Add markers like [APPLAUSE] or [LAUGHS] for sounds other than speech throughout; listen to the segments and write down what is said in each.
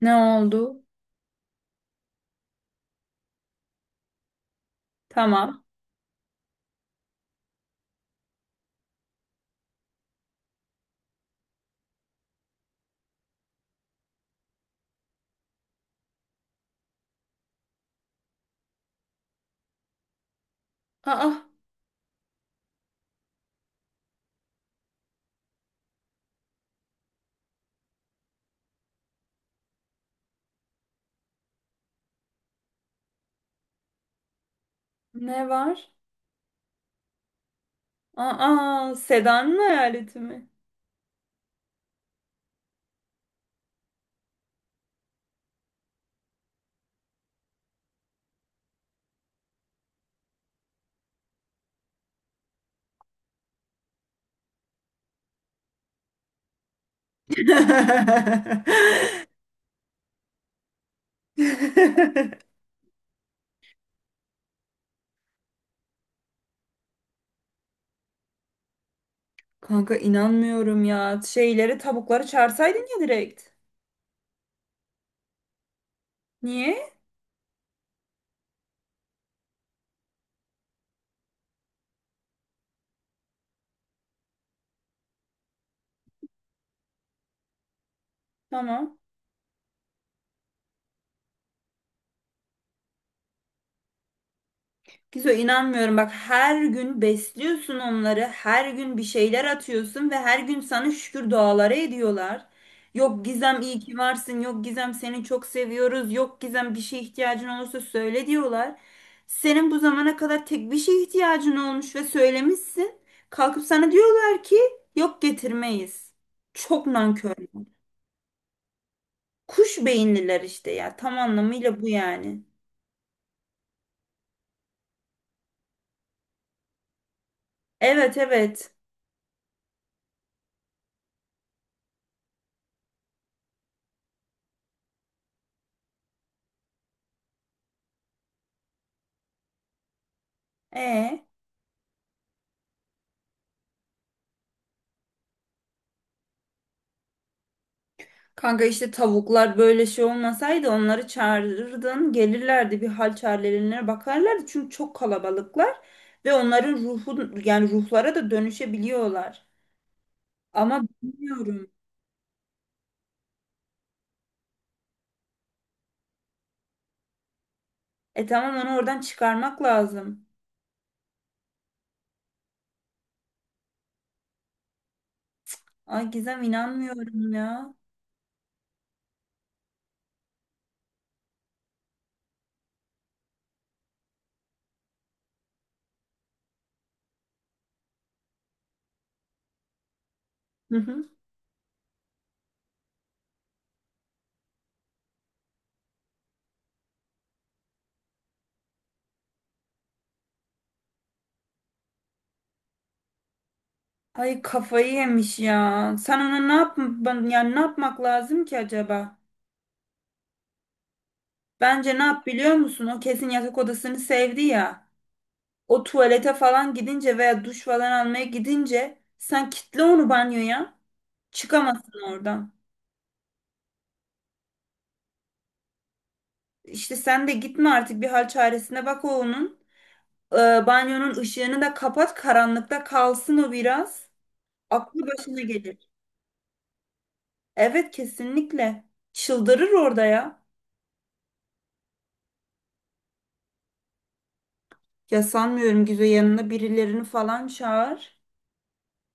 Ne oldu? Tamam. Aa, ne var? Aa, Seda'nın hayaleti mi? [LAUGHS] Kanka inanmıyorum ya. Şeyleri, tavukları çağırsaydın ya direkt. Niye? Tamam. Gizo inanmıyorum bak, her gün besliyorsun onları, her gün bir şeyler atıyorsun ve her gün sana şükür duaları ediyorlar. Yok Gizem iyi ki varsın, yok Gizem seni çok seviyoruz, yok Gizem bir şeye ihtiyacın olursa söyle diyorlar. Senin bu zamana kadar tek bir şeye ihtiyacın olmuş ve söylemişsin. Kalkıp sana diyorlar ki yok getirmeyiz. Çok nankörler. Kuş beyinliler işte ya, tam anlamıyla bu yani. Evet, evet. E. Kanka işte tavuklar böyle şey olmasaydı onları çağırırdın, gelirlerdi, bir hal çarelerine bakarlardı, çünkü çok kalabalıklar ve onların ruhu, yani ruhlara da dönüşebiliyorlar. Ama bilmiyorum. E tamam, onu oradan çıkarmak lazım. Ay Gizem, inanmıyorum ya. Hı hı. Ay kafayı yemiş ya. Sen ona ne yap yani ne yapmak lazım ki acaba? Bence ne yap biliyor musun? O kesin yatak odasını sevdi ya. O tuvalete falan gidince veya duş falan almaya gidince sen kitle onu banyoya. Çıkamazsın oradan. İşte sen de gitme artık, bir hal çaresine bak o onun. Ee, Banyonun ışığını da kapat, karanlıkta kalsın o biraz. Aklı başına gelir. Evet, kesinlikle. Çıldırır orada ya. Ya sanmıyorum Gizo, yanına birilerini falan çağır.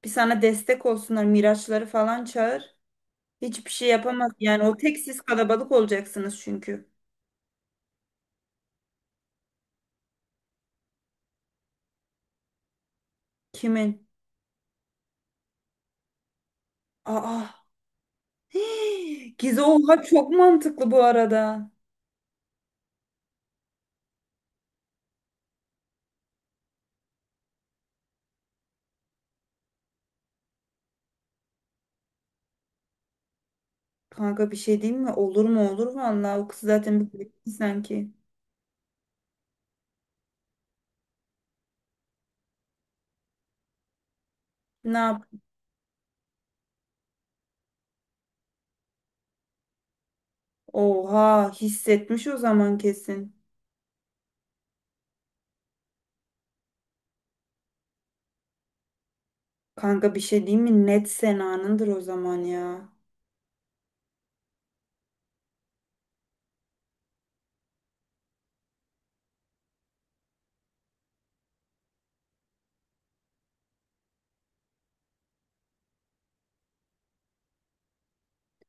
Bir sana destek olsunlar, Miraçları falan çağır. Hiçbir şey yapamaz yani o tek, siz kalabalık olacaksınız çünkü. Kimin? Aa. [GASPS] Gize oha, çok mantıklı bu arada. Kanka bir şey diyeyim mi? Olur mu, olur vallahi, o kız zaten bir bitti sanki. Ne yap? Oha, hissetmiş o zaman kesin. Kanka bir şey diyeyim mi? Net Sena'nındır o zaman ya.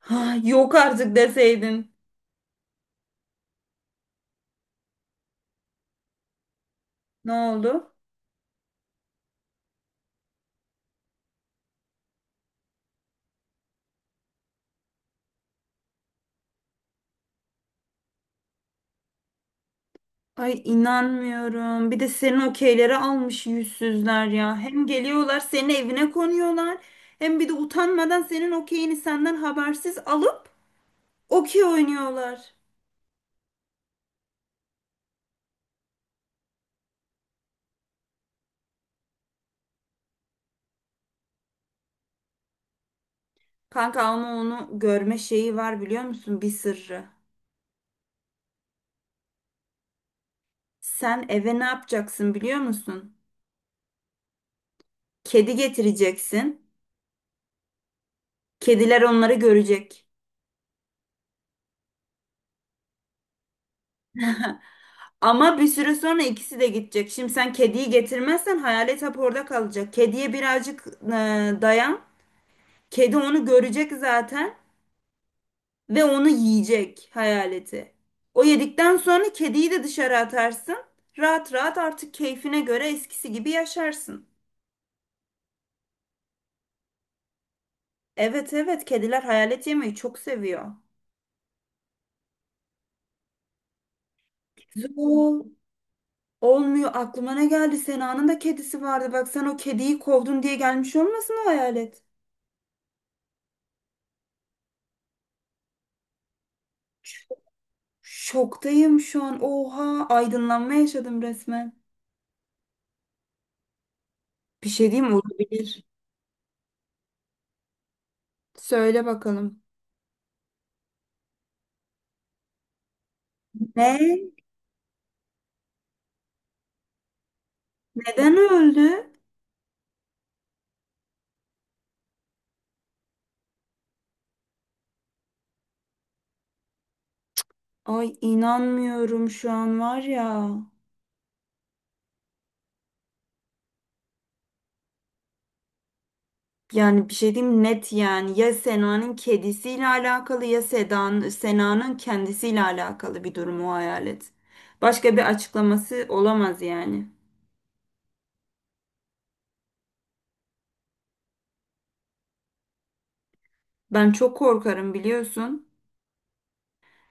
Ha, yok artık deseydin. Ne oldu? Ay inanmıyorum. Bir de senin okeyleri almış yüzsüzler ya. Hem geliyorlar senin evine konuyorlar. Hem bir de utanmadan senin okeyini senden habersiz alıp okey oynuyorlar. Kanka ama onu görme şeyi var biliyor musun? Bir sırrı. Sen eve ne yapacaksın biliyor musun? Kedi getireceksin. Kediler onları görecek. [LAUGHS] Ama bir süre sonra ikisi de gidecek. Şimdi sen kediyi getirmezsen hayalet hep orada kalacak. Kediye birazcık dayan. Kedi onu görecek zaten ve onu yiyecek hayaleti. O yedikten sonra kediyi de dışarı atarsın. Rahat rahat artık keyfine göre eskisi gibi yaşarsın. Evet, evet, kediler hayalet yemeyi çok seviyor. Zul olmuyor, aklıma ne geldi, Sena'nın da kedisi vardı bak, sen o kediyi kovdun diye gelmiş olmasın o hayalet. Ş- Şoktayım şu an, oha, aydınlanma yaşadım resmen. Bir şey diyeyim mi? Olabilir. Söyle bakalım. Ne? Neden öldü? Ay inanmıyorum şu an var ya. Yani bir şey diyeyim, net yani, ya Sena'nın kedisiyle alakalı ya Sedan, Sena'nın kendisiyle alakalı bir durum o hayalet. Başka bir açıklaması olamaz yani. Ben çok korkarım biliyorsun.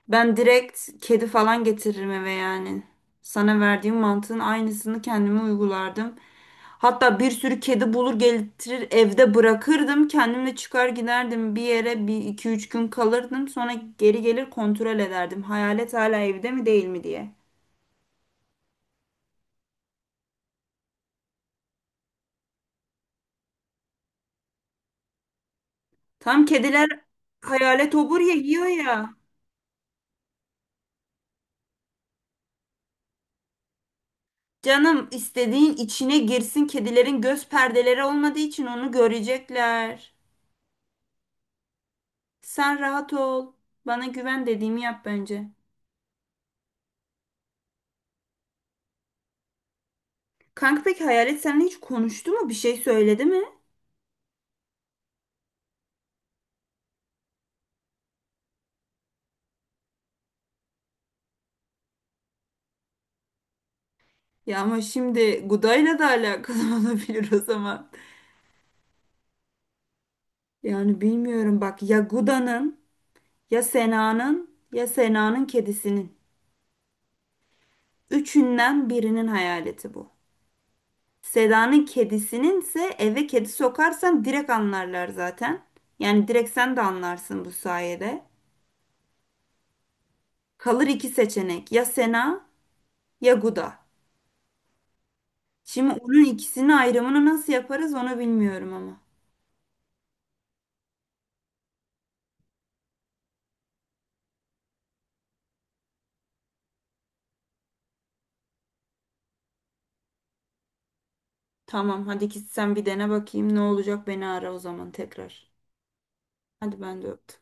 Ben direkt kedi falan getiririm eve yani. Sana verdiğim mantığın aynısını kendime uygulardım. Hatta bir sürü kedi bulur getirir evde bırakırdım. Kendimle çıkar giderdim bir yere, bir iki üç gün kalırdım. Sonra geri gelir kontrol ederdim. Hayalet hala evde mi değil mi diye. Tam kediler hayalet obur ya, yiyor ya. Canım, istediğin içine girsin, kedilerin göz perdeleri olmadığı için onu görecekler. Sen rahat ol. Bana güven, dediğimi yap bence. Kanka peki hayalet seninle hiç konuştu mu? Bir şey söyledi mi? Ya ama şimdi Guda'yla da alakalı [LAUGHS] olabilir o zaman. Yani bilmiyorum bak, ya Guda'nın ya Sena'nın ya Sena'nın kedisinin. Üçünden birinin hayaleti bu. Seda'nın kedisinin ise eve kedi sokarsan direkt anlarlar zaten. Yani direkt sen de anlarsın bu sayede. Kalır iki seçenek, ya Sena ya Guda. Şimdi onun ikisini ayrımını nasıl yaparız onu bilmiyorum ama. Tamam, hadi git sen bir dene bakayım ne olacak, beni ara o zaman tekrar. Hadi ben de öptüm.